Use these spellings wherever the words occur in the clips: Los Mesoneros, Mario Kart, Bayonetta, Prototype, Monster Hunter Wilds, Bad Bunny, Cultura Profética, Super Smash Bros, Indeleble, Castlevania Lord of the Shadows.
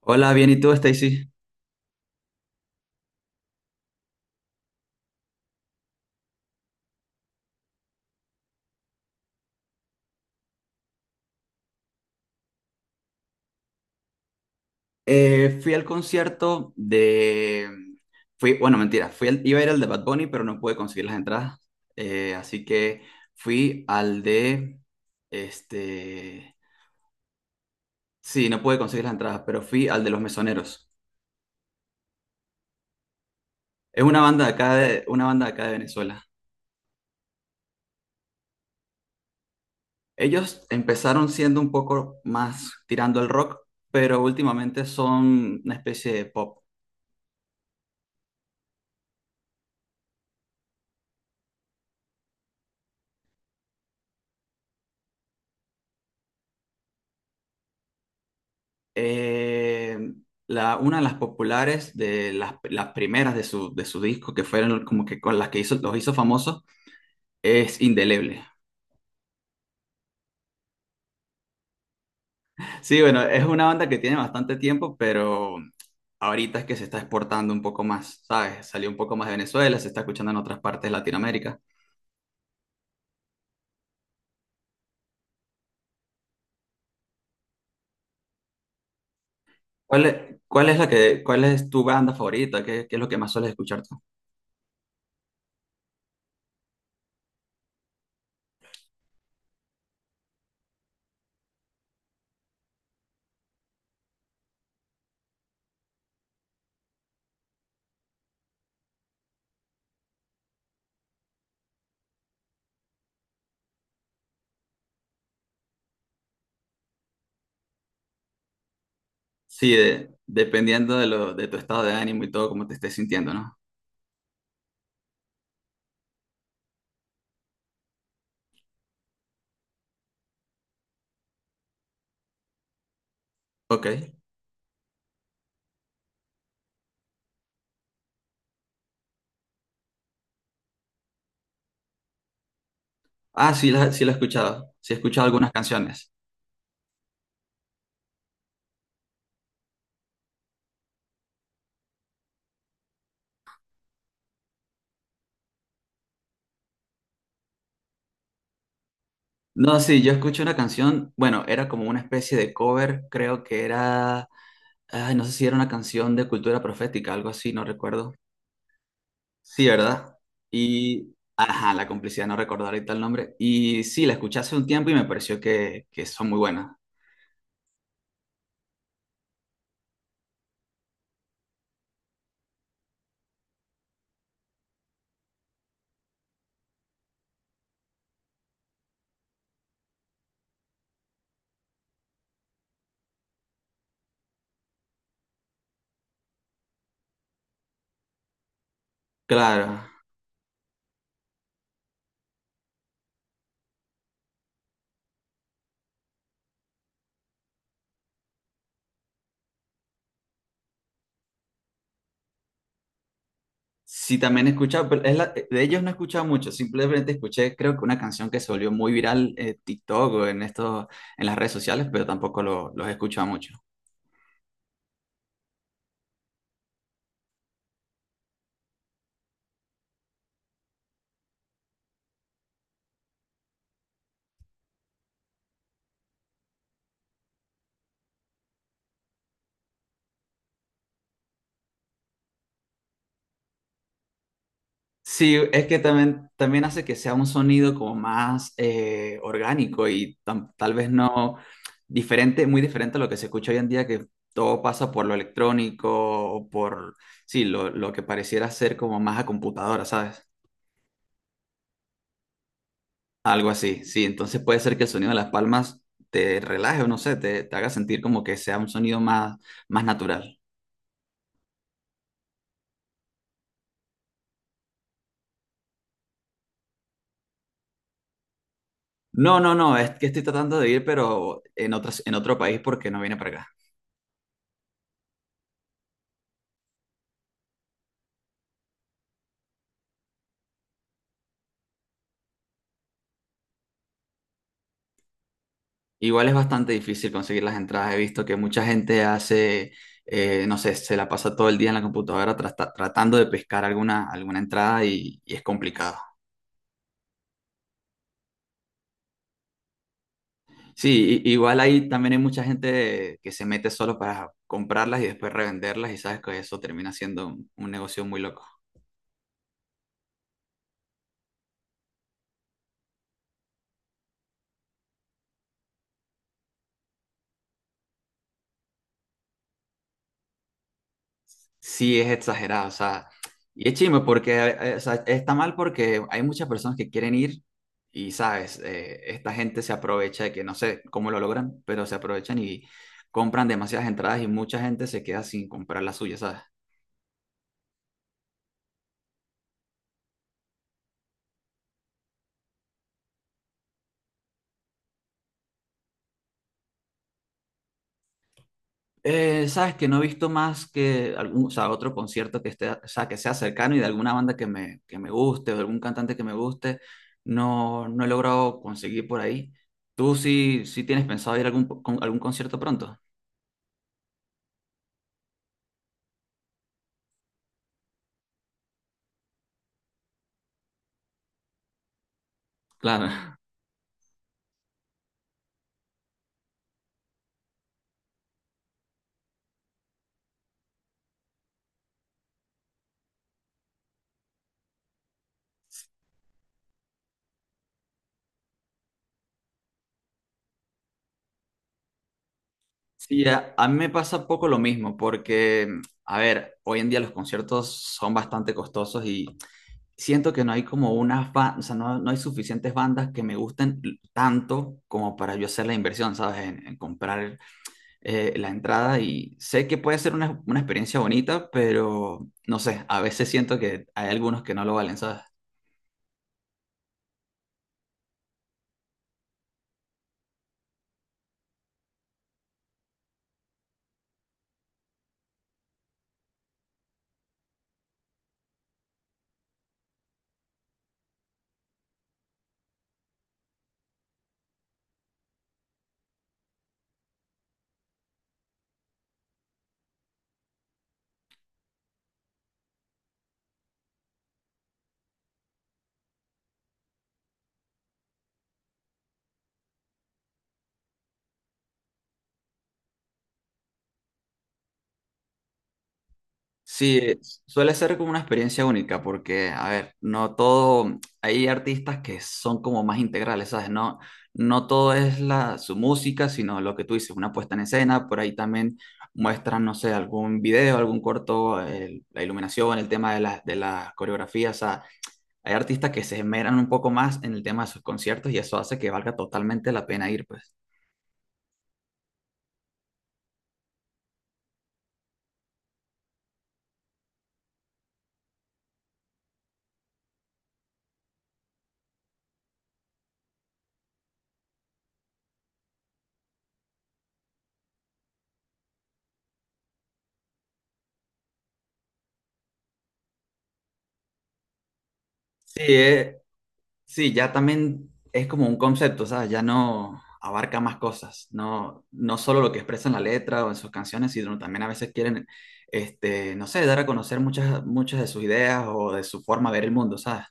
Hola, bien, ¿y tú, Stacy? Fui al concierto de... Fui, bueno, mentira, iba a ir al de Bad Bunny, pero no pude conseguir las entradas. Así que fui al de... Este... Sí, no pude conseguir las entradas, pero fui al de Los Mesoneros. Es una banda una banda de acá de Venezuela. Ellos empezaron siendo un poco más tirando al rock, pero últimamente son una especie de pop. Eh, una de las populares, las primeras de su disco, que fueron como que con las que hizo, los hizo famosos, es Indeleble. Sí, bueno, es una banda que tiene bastante tiempo, pero ahorita es que se está exportando un poco más, ¿sabes? Salió un poco más de Venezuela, se está escuchando en otras partes de Latinoamérica. ¿Cuál es tu banda favorita? ¿Qué es lo que más sueles escuchar tú? Sí, dependiendo de tu estado de ánimo y todo, cómo te estés sintiendo, ¿no? Ok. Ah, sí la he escuchado. Sí he escuchado algunas canciones. No, sí, yo escuché una canción, bueno, era como una especie de cover, creo que era, ay, no sé si era una canción de cultura profética, algo así, no recuerdo. Sí, ¿verdad? Y, ajá, la complicidad, no recuerdo ahorita el nombre. Y sí, la escuché hace un tiempo y me pareció que son muy buenas. Claro. Sí, también he escuchado, pero de ellos no he escuchado mucho, simplemente escuché creo que una canción que se volvió muy viral en TikTok o en esto, en las redes sociales, pero tampoco lo- los he escuchado mucho. Sí, es que también, también hace que sea un sonido como más orgánico y tal vez no diferente, muy diferente a lo que se escucha hoy en día, que todo pasa por lo electrónico o por, sí, lo que pareciera ser como más a computadora, ¿sabes? Algo así, sí. Entonces puede ser que el sonido de las palmas te relaje o no sé, te haga sentir como que sea un sonido más, más natural. No, no, no, es que estoy tratando de ir, pero en otro país porque no viene para acá. Igual es bastante difícil conseguir las entradas. He visto que mucha gente hace, no sé, se la pasa todo el día en la computadora tratando de pescar alguna, alguna entrada y es complicado. Sí, igual ahí también hay mucha gente que se mete solo para comprarlas y después revenderlas y sabes que eso termina siendo un negocio muy loco. Sí, es exagerado, o sea, y es chimo porque, o sea, está mal porque hay muchas personas que quieren ir y, sabes, eh, esta gente se aprovecha de que no sé cómo lo logran, pero se aprovechan y compran demasiadas entradas y mucha gente se queda sin comprar la suya, ¿sabes? Sabes que no he visto más que algún, o sea, otro concierto que esté, o sea, que sea cercano y de alguna banda que me guste o de algún cantante que me guste, no, no he logrado conseguir por ahí. ¿Tú sí tienes pensado ir a algún, algún concierto pronto? Claro. Sí, a mí me pasa un poco lo mismo, porque, a ver, hoy en día los conciertos son bastante costosos y siento que no hay como unas bandas, o sea, no, no hay suficientes bandas que me gusten tanto como para yo hacer la inversión, ¿sabes? En comprar la entrada y sé que puede ser una experiencia bonita, pero no sé, a veces siento que hay algunos que no lo valen, ¿sabes? Sí, suele ser como una experiencia única porque, a ver, no todo, hay artistas que son como más integrales, ¿sabes? No, no todo es su música, sino lo que tú dices, una puesta en escena, por ahí también muestran, no sé, algún video, algún corto, la iluminación, el tema de las coreografías, o sea, hay artistas que se esmeran un poco más en el tema de sus conciertos y eso hace que valga totalmente la pena ir, pues. Sí, sí, ya también es como un concepto, ¿sabes? Ya no abarca más cosas, no, no solo lo que expresa en la letra o en sus canciones, sino también a veces quieren, este, no sé, dar a conocer muchas, muchas de sus ideas o de su forma de ver el mundo, ¿sabes?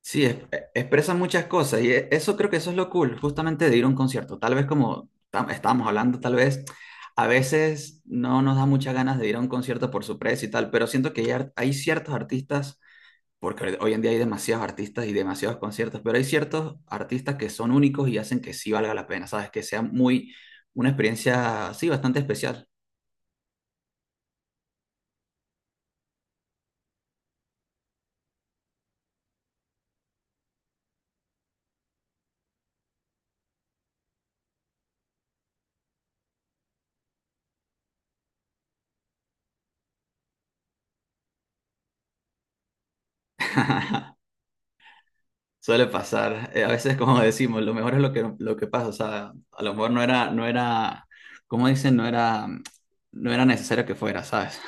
Sí, expresan muchas cosas y eso creo que eso es lo cool, justamente de ir a un concierto. Tal vez como estábamos hablando, tal vez a veces no nos da muchas ganas de ir a un concierto por su precio y tal, pero siento que hay, hay ciertos artistas porque hoy en día hay demasiados artistas y demasiados conciertos, pero hay ciertos artistas que son únicos y hacen que sí valga la pena, ¿sabes? Que sea muy, una experiencia, sí, bastante especial. Suele pasar, a veces como decimos, lo mejor es lo que pasa, o sea, a lo mejor no era, no era, como dicen, no era, no era necesario que fuera, ¿sabes?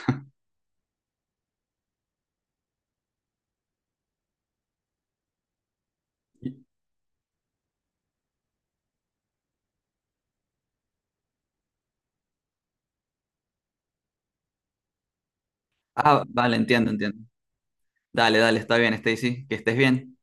Ah, vale, entiendo, entiendo. Dale, dale, está bien, Stacy, que estés bien.